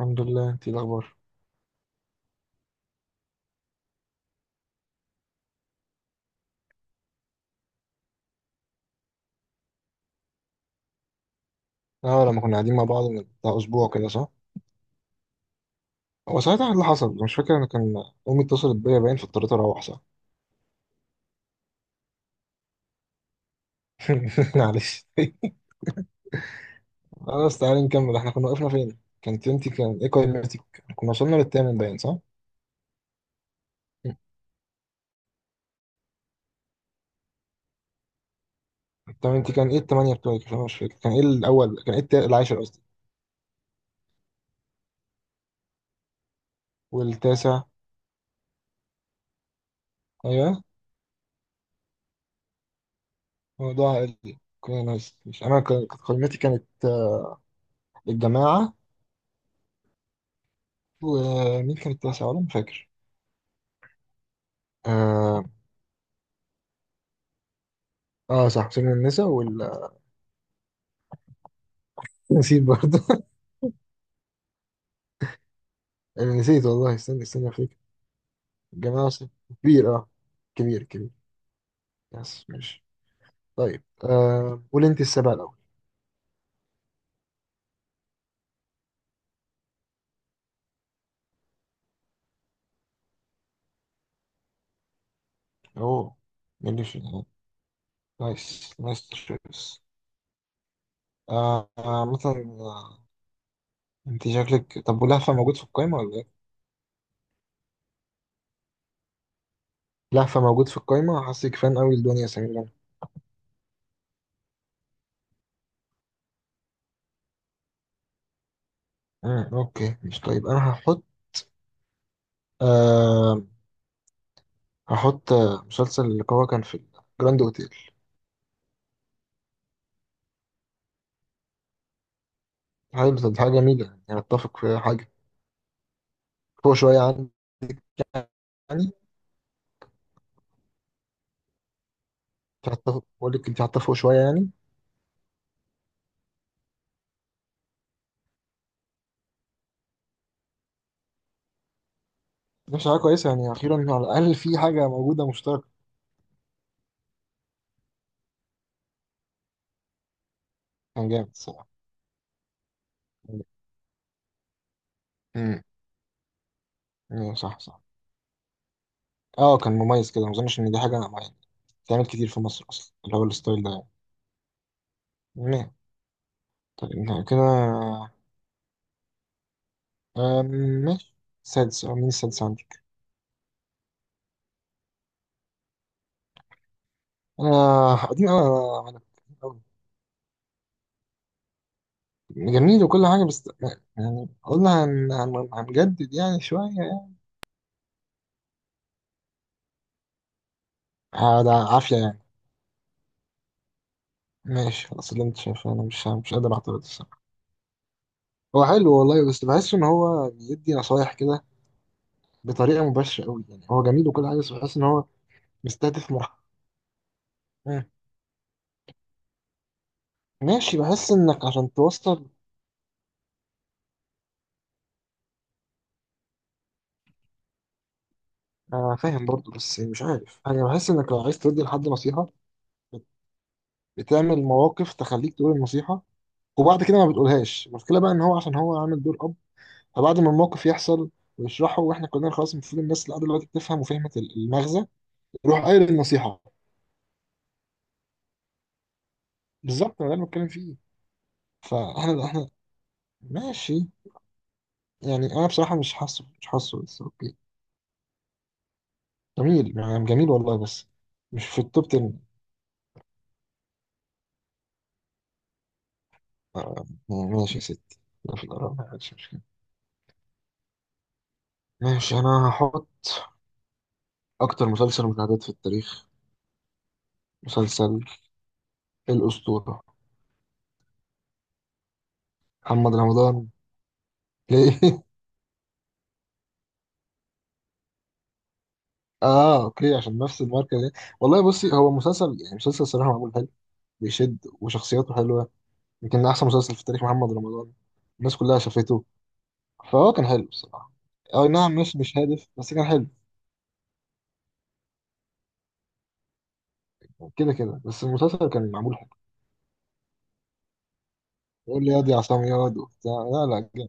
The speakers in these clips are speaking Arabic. الحمد لله، انت ايه الاخبار؟ اه، لما كنا قاعدين مع بعض من بتاع اسبوع كده، صح؟ هو ساعتها إيه اللي حصل؟ مش فاكر، انا كان امي اتصلت بيا باين فاضطريت اروح، صح. معلش. خلاص تعالي نكمل، احنا كنا وقفنا فين؟ كانت انت كان ايه قائمتك؟ كنا وصلنا للثامن باين، صح. طب انت كان ايه الثمانية بتوعك؟ عشان انا مش فاكر، كان ايه الاول؟ كان ايه العاشر قصدي؟ والتاسع؟ ايوه. موضوع عائلي، كنا ناس مش انا، كانت قائمتي كانت الجماعة. ومين كان التاسع؟ ولا مش فاكر. آه، اه صح، سجن النساء. نسيت برضه. انا نسيت والله، استنى استنى افتكر. الجمال عصام. كبير، اه. كبير كبير. يس، ماشي. طيب، قول انت السبعة الأول. اوه. ماشي. نايس نايس تشويس. آه آه، مثلا، انت شكلك، طب ولهفة موجود في القايمة ولا ايه؟ لهفة موجود في القايمة، حاسك فان قوي لدنيا سمير غانم. مم، اوكي مش، طيب انا هحط آه مسلسل اللي هو كان في الجراند اوتيل. حلو، طب دي حاجة جميلة يعني، اتفق في حاجة فوق شوية عن يعني. تعتفق، بقول لك انت هتتفقوا شويه يعني. مش حاجه كويسه يعني؟ اخيرا على الاقل في حاجه موجوده مشتركه. كان جامد الصراحه. امم، أيوة صح صح. اه، كان مميز كده، ما اظنش ان دي حاجه يعني بتتعمل كتير في مصر اصلا، اللي هو الستايل ده يعني. نعم. طيب، نعم كده. آم، ماشي. سادس، اه مين السادس عندك؟ انا قديم قوي انا، أوي. جميل وكل حاجه بس يعني، قلنا هنجدد يعني شويه يعني. ده عافيه يعني. ماشي خلاص، اللي انت شايفه، انا مش قادر اعترض. هو حلو والله، بس بحس ان هو بيدي نصايح كده بطريقه مباشره قوي يعني، هو جميل وكل حاجه بس بحس ان هو مستهدف مرحله. مم. ماشي، بحس انك عشان توصل، فاهم برضه، بس مش عارف، انا بحس انك لو عايز تدي لحد نصيحه بت- بتعمل مواقف تخليك تقول النصيحه، وبعد كده ما بتقولهاش. المشكله بقى ان هو عشان هو عامل دور اب، فبعد ما الموقف يحصل ويشرحه، واحنا كلنا خلاص المفروض الناس اللي قاعده دلوقتي بتفهم وفهمت المغزى، يروح قايل النصيحه. بالظبط، ما ده اللي بتكلم فيه. فاحنا ماشي. يعني انا بصراحه مش حاسه بس اوكي. جميل يعني، جميل والله، بس مش في التوب 10. آه، يعني ماشي يا ستي. لا، في الآراء ما عادش مشكله. ماشي، انا هحط اكتر مسلسل مشاهدات في التاريخ، مسلسل الاسطوره، محمد رمضان. ليه؟ اه اوكي، عشان نفس الماركه دي. والله بصي، هو مسلسل يعني، مسلسل صراحه معمول حلو، بيشد، وشخصياته حلوه. يمكن احسن مسلسل في تاريخ محمد رمضان، الناس كلها شافته، فهو كان حلو بصراحه. اي نعم، مش هادف بس كان حلو، كده كده، بس المسلسل كان معمول حلو. يقول لي ياض يا عصام ياض وبتاع، لا لا جامد.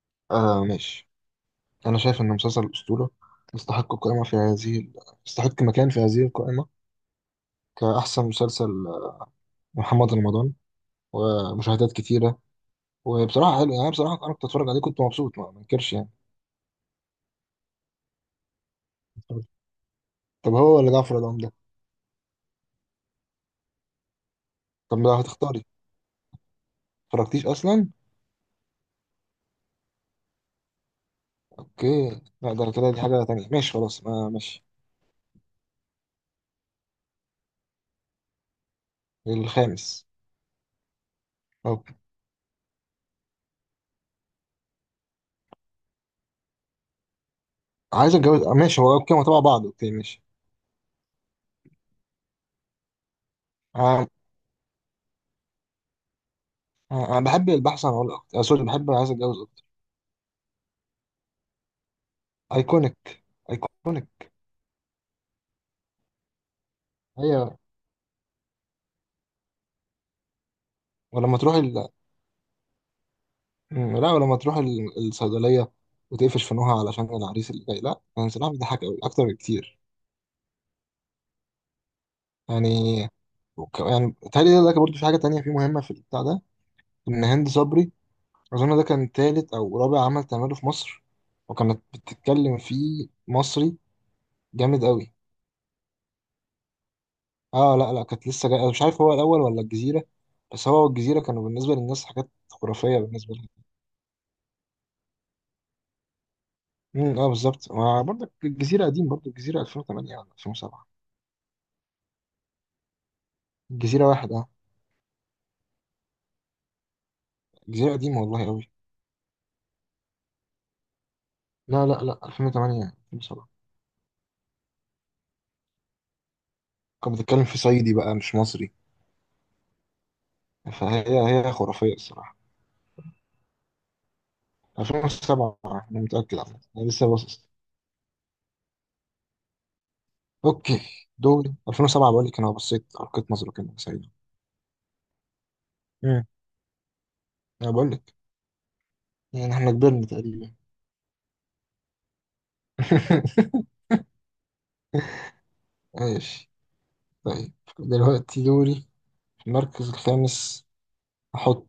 ماشي. أنا شايف إن مسلسل الأسطورة يستحق قائمة في هذه ال- يستحق مكان في هذه القائمة كأحسن مسلسل، محمد رمضان، ومشاهدات كتيرة. وبصراحة حلو يعني، بصراحة أنا كنت أتفرج عليه كنت مبسوط، ما انكرش يعني. طب هو ولا جعفر العمدة ده؟ طب ما هتختاري، متفرجتيش أصلا؟ أوكي، لا ده كده دي حاجة تانية، ماشي خلاص، ما ماشي. الخامس. طب عايز أتجوز، ماشي هو كده تبع بعض، أوكي ماشي. انا أنا بحب البحث عن عملاق أكتر. آه، سوري، بحب عايز اتجوز اكتر. ايكونيك، ايكونيك. ايوه، ولما تروح مم، لا ولما تروح الصيدليه وتقفش في نوها علشان العريس اللي جاي، لا كان سلاح، بيضحك قوي اكتر بكتير يعني. يعني تهيألي ده برضه في حاجه تانية في مهمه في البتاع ده، ان هند صبري اظن ده كان تالت او رابع عمل تعمله في مصر، وكانت بتتكلم فيه مصري جامد قوي. اه لا لا، كانت لسه جاية، مش عارف هو الاول ولا الجزيره، بس هو الجزيره كانوا بالنسبه للناس حاجات خرافيه بالنسبه لهم. امم، اه بالظبط، ما برضك الجزيره قديم برضه، الجزيره 2008 ولا 2007؟ الجزيره واحد، اه. الجزيره قديمه والله قوي. لا لا لا، 2008، 2007. كان بتتكلم في صعيدي بقى مش مصري، فهي خرافيه الصراحه. 2007 انا متاكد عامه، انا لسه باصص. اوكي، دوري 2007، بقول لك انا بصيت القيت نظره كده سعيده. امم. انا بقول لك، يعني احنا كبرنا تقريبا. ماشي. طيب، دلوقتي دوري في المركز الخامس أحط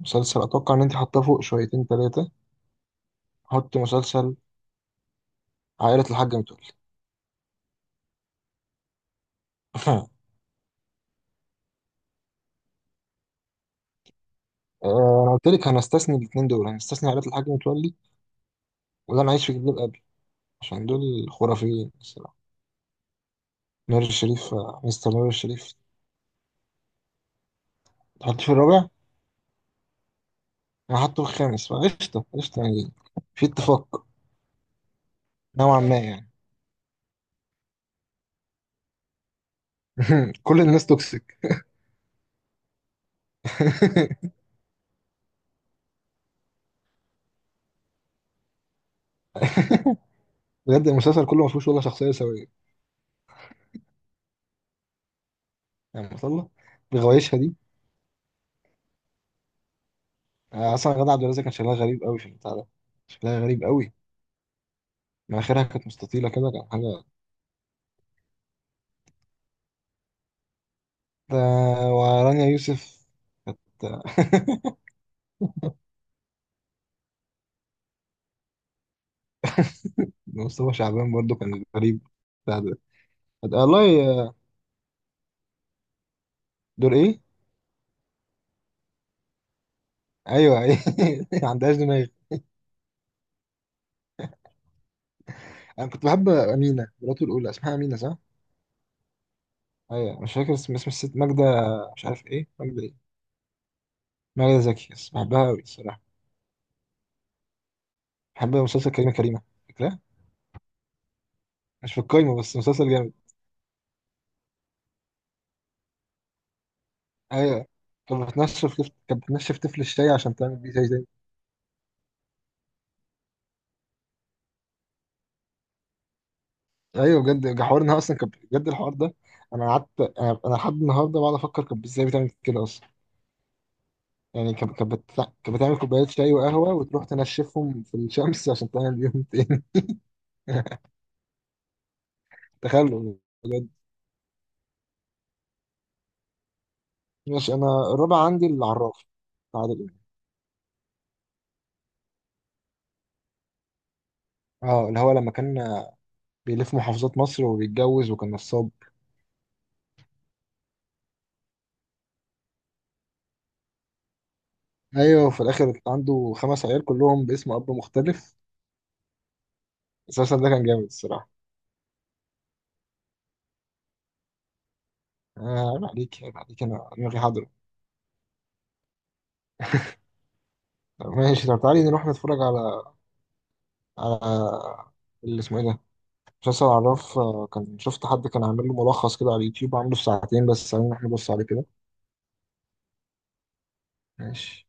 مسلسل أتوقع إن أنت حاطاه فوق شويتين تلاتة، أحط مسلسل عائلة الحاج متولي. أنا قلت لك هنستثني الاتنين دول، هنستثني عائلة الحاج متولي وده أنا عايش في جلباب أبي، عشان دول خرافيين الصراحة. نور الشريف، مستر نور الشريف. تحطيه في الرابع؟ أنا حاطه في الخامس، فقشطة قشطة يعني. في اتفاق، نوعا ما يعني. كل الناس توكسيك. بجد، المسلسل كله ما فيهوش ولا شخصية سوية، يعني ما شاء الله، بغوايشها دي. اصلا غادة عبد الرازق كان شكلها غريب قوي في البتاع ده، شكلها غريب قوي، مناخيرها كانت مستطيله كده، كان حاجه. ده ورانيا يوسف كانت، مصطفى شعبان برضو كان غريب بتاع ده. آه، والله، دور ايه؟ ايوه ايه ما عندهاش دماغ. انا كنت بحب امينه مراته الاولى، اسمها امينه صح؟ ايوه، مش فاكر اسم الست ماجده، مش عارف ايه ماجده ايه. ماجده زكي، بس بحبها قوي الصراحه. بحب مسلسل كريمه كريمه، فاكرها؟ مش في القايمه بس مسلسل جامد. ايوه، كانت بتنشف طفل الشاي عشان تعمل بيه زي زي، ايوه بجد، حوار انها اصلا كانت، بجد الحوار ده، انا قعدت، انا لحد النهارده بقعد افكر كانت ازاي بتعمل كده اصلا. يعني كانت بتعمل كوبايات شاي وقهوه وتروح تنشفهم في الشمس عشان تعمل بيهم تاني. تخيل، بجد. ماشي، انا الرابع عندي العراف، عادل امام. اه، اللي هو لما كان بيلف محافظات مصر وبيتجوز وكان نصاب. ايوه، وفي الاخر عنده خمس عيال كلهم باسم اب مختلف، اساسا ده كان جامد الصراحه. آه، عيب عليك عيب عليك، انا دماغي حاضرة. طب ماشي، طب تعالي نروح نتفرج على على اللي اسمه ايه ده، مسلسل عراف. كان شفت حد كان عامل له ملخص كده على اليوتيوب، عامله في ساعتين بس، عايزين احنا نبص عليه كده. ماشي.